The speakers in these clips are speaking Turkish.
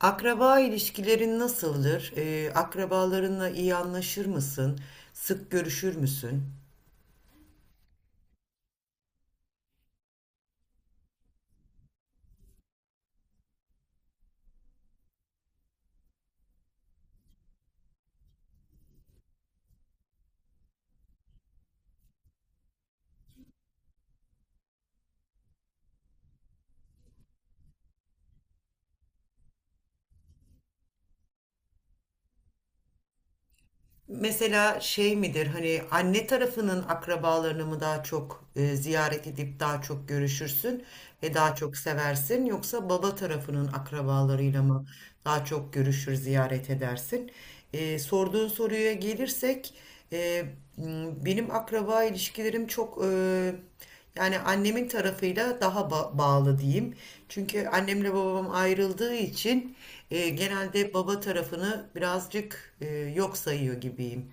Akraba ilişkilerin nasıldır? Akrabalarınla iyi anlaşır mısın? Sık görüşür müsün? Mesela şey midir, hani anne tarafının akrabalarını mı daha çok ziyaret edip daha çok görüşürsün ve daha çok seversin? Yoksa baba tarafının akrabalarıyla mı daha çok görüşür, ziyaret edersin? Sorduğun soruya gelirsek, eee, benim akraba ilişkilerim çok. Yani annemin tarafıyla daha bağlı diyeyim. Çünkü annemle babam ayrıldığı için genelde baba tarafını birazcık yok sayıyor gibiyim.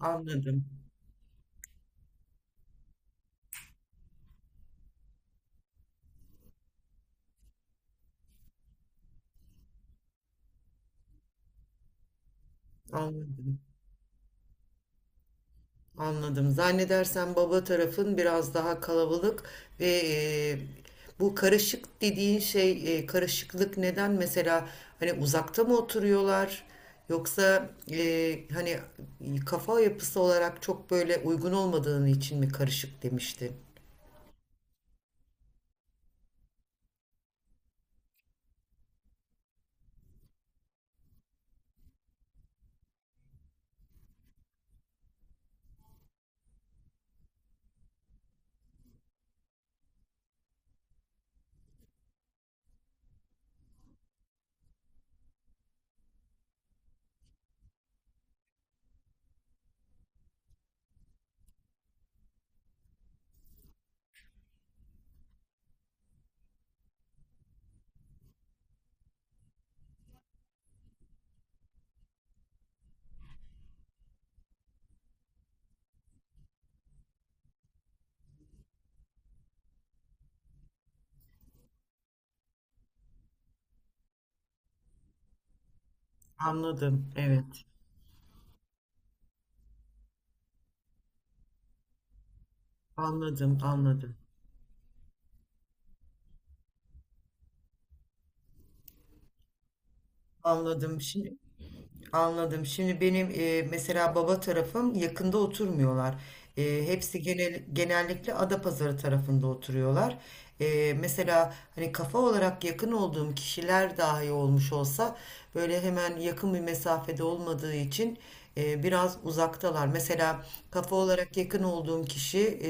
Anladım. Anladım. Anladım. Zannedersem baba tarafın biraz daha kalabalık ve e, bu karışık dediğin şey e, karışıklık neden mesela hani uzakta mı oturuyorlar yoksa e, hani kafa yapısı olarak çok böyle uygun olmadığını için mi karışık demiştin? Anladım. Evet. Anladım, anladım. Anladım. Şimdi Anladım. Şimdi benim mesela baba tarafım yakında oturmuyorlar. E, genellikle Adapazarı tarafında oturuyorlar. E, mesela hani kafa olarak yakın olduğum kişiler dahi olmuş olsa böyle hemen yakın bir mesafede olmadığı için biraz uzaktalar. Mesela kafa olarak yakın olduğum kişi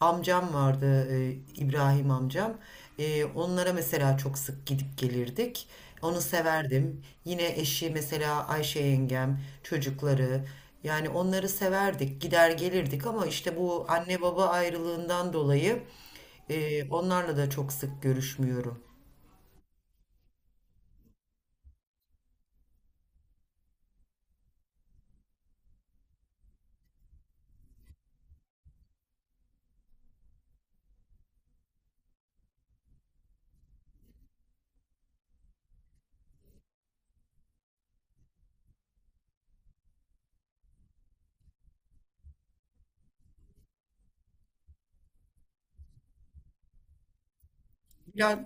amcam vardı, İbrahim amcam. Onlara mesela çok sık gidip gelirdik. Onu severdim. Yine eşi mesela Ayşe yengem, çocukları. Yani onları severdik, gider gelirdik ama işte bu anne baba ayrılığından dolayı onlarla da çok sık görüşmüyorum. Ya,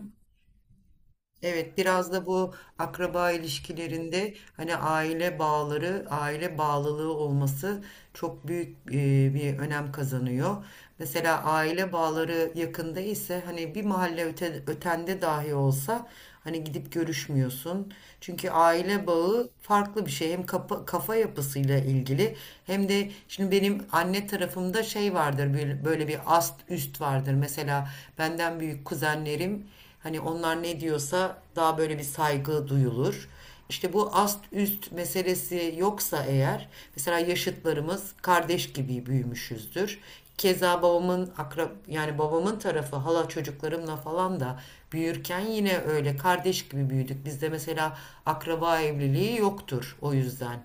evet, biraz da bu akraba ilişkilerinde hani aile bağları, aile bağlılığı olması çok büyük bir önem kazanıyor. Mesela aile bağları yakında ise hani bir mahalle ötende dahi olsa hani gidip görüşmüyorsun. Çünkü aile bağı farklı bir şey. Hem kafa yapısıyla ilgili hem de şimdi benim anne tarafımda şey vardır böyle, böyle bir ast üst vardır. Mesela benden büyük kuzenlerim, hani onlar ne diyorsa daha böyle bir saygı duyulur. İşte bu ast üst meselesi yoksa eğer mesela yaşıtlarımız kardeş gibi büyümüşüzdür. Keza yani babamın tarafı hala çocuklarımla falan da büyürken yine öyle kardeş gibi büyüdük. Bizde mesela akraba evliliği yoktur o yüzden.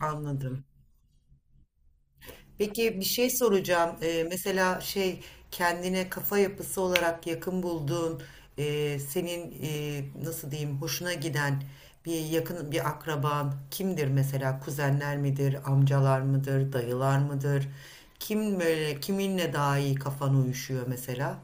Anladım. Peki bir şey soracağım. Mesela şey, kendine kafa yapısı olarak yakın bulduğun, senin nasıl diyeyim hoşuna giden bir yakın akraban kimdir mesela? Kuzenler midir, amcalar mıdır, dayılar mıdır? Kim böyle kiminle daha iyi kafan uyuşuyor mesela?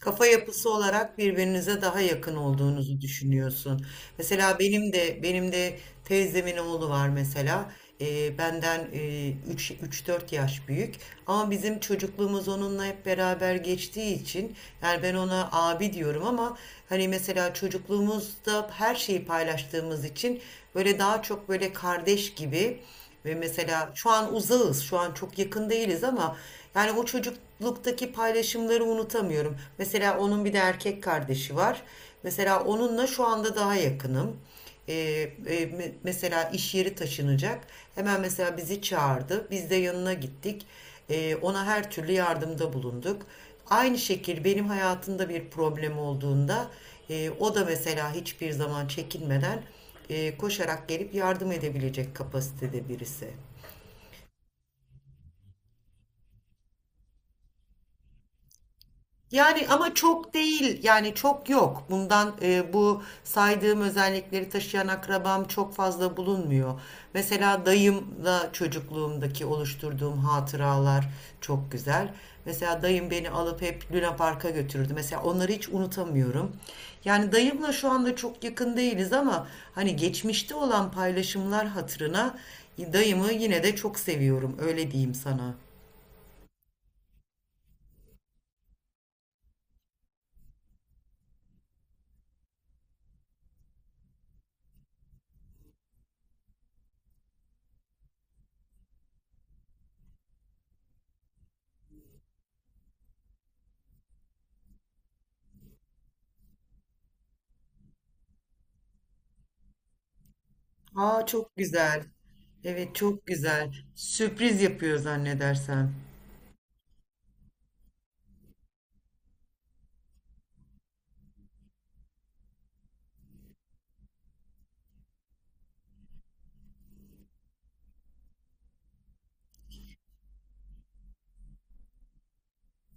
Kafa yapısı olarak birbirinize daha yakın olduğunuzu düşünüyorsun. Mesela benim de teyzemin oğlu var mesela. Benden üç dört yaş büyük. Ama bizim çocukluğumuz onunla hep beraber geçtiği için yani ben ona abi diyorum ama hani mesela çocukluğumuzda her şeyi paylaştığımız için böyle daha çok böyle kardeş gibi ve mesela şu an uzağız, şu an çok yakın değiliz ama yani o çocukluktaki paylaşımları unutamıyorum. Mesela onun bir de erkek kardeşi var. Mesela onunla şu anda daha yakınım. Ee, e, mesela iş yeri taşınacak. Hemen mesela bizi çağırdı. Biz de yanına gittik. Ona her türlü yardımda bulunduk. Aynı şekil benim hayatımda bir problem olduğunda o da mesela hiçbir zaman çekinmeden koşarak gelip yardım edebilecek kapasitede birisi. Yani ama çok değil, yani çok yok. Bundan, bu saydığım özellikleri taşıyan akrabam çok fazla bulunmuyor. Mesela dayımla çocukluğumdaki oluşturduğum hatıralar çok güzel. Mesela dayım beni alıp hep Luna Park'a götürürdü. Mesela onları hiç unutamıyorum. Yani dayımla şu anda çok yakın değiliz ama hani geçmişte olan paylaşımlar hatırına dayımı yine de çok seviyorum, öyle diyeyim sana. Aa, çok güzel. Evet, çok güzel. Sürpriz yapıyor zannedersem.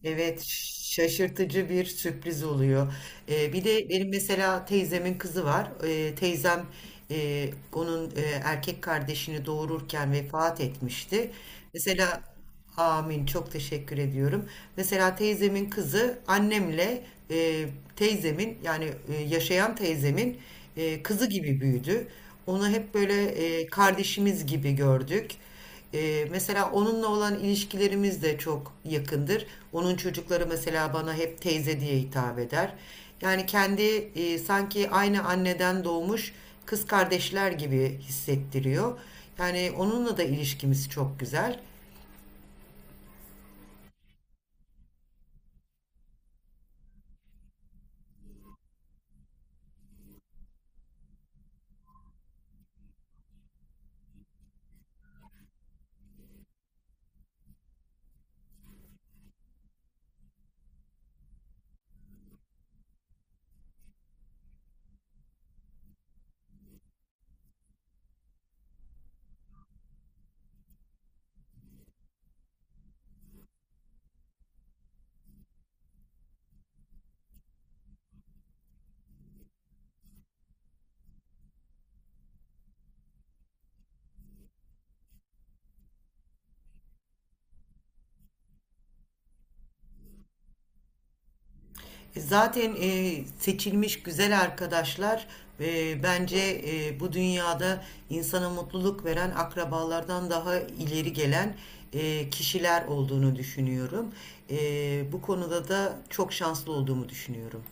Evet, şaşırtıcı bir sürpriz oluyor. Bir de benim mesela teyzemin kızı var. Teyzem onun erkek kardeşini doğururken vefat etmişti. Mesela amin, çok teşekkür ediyorum. Mesela teyzemin kızı annemle, e, teyzemin, yaşayan teyzemin kızı gibi büyüdü. Onu hep böyle kardeşimiz gibi gördük. Mesela onunla olan ilişkilerimiz de çok yakındır. Onun çocukları mesela bana hep teyze diye hitap eder. Yani kendi, sanki aynı anneden doğmuş kız kardeşler gibi hissettiriyor. Yani onunla da ilişkimiz çok güzel. Zaten seçilmiş güzel arkadaşlar, bence bu dünyada insana mutluluk veren akrabalardan daha ileri gelen kişiler olduğunu düşünüyorum. E, Bu konuda da çok şanslı olduğumu düşünüyorum.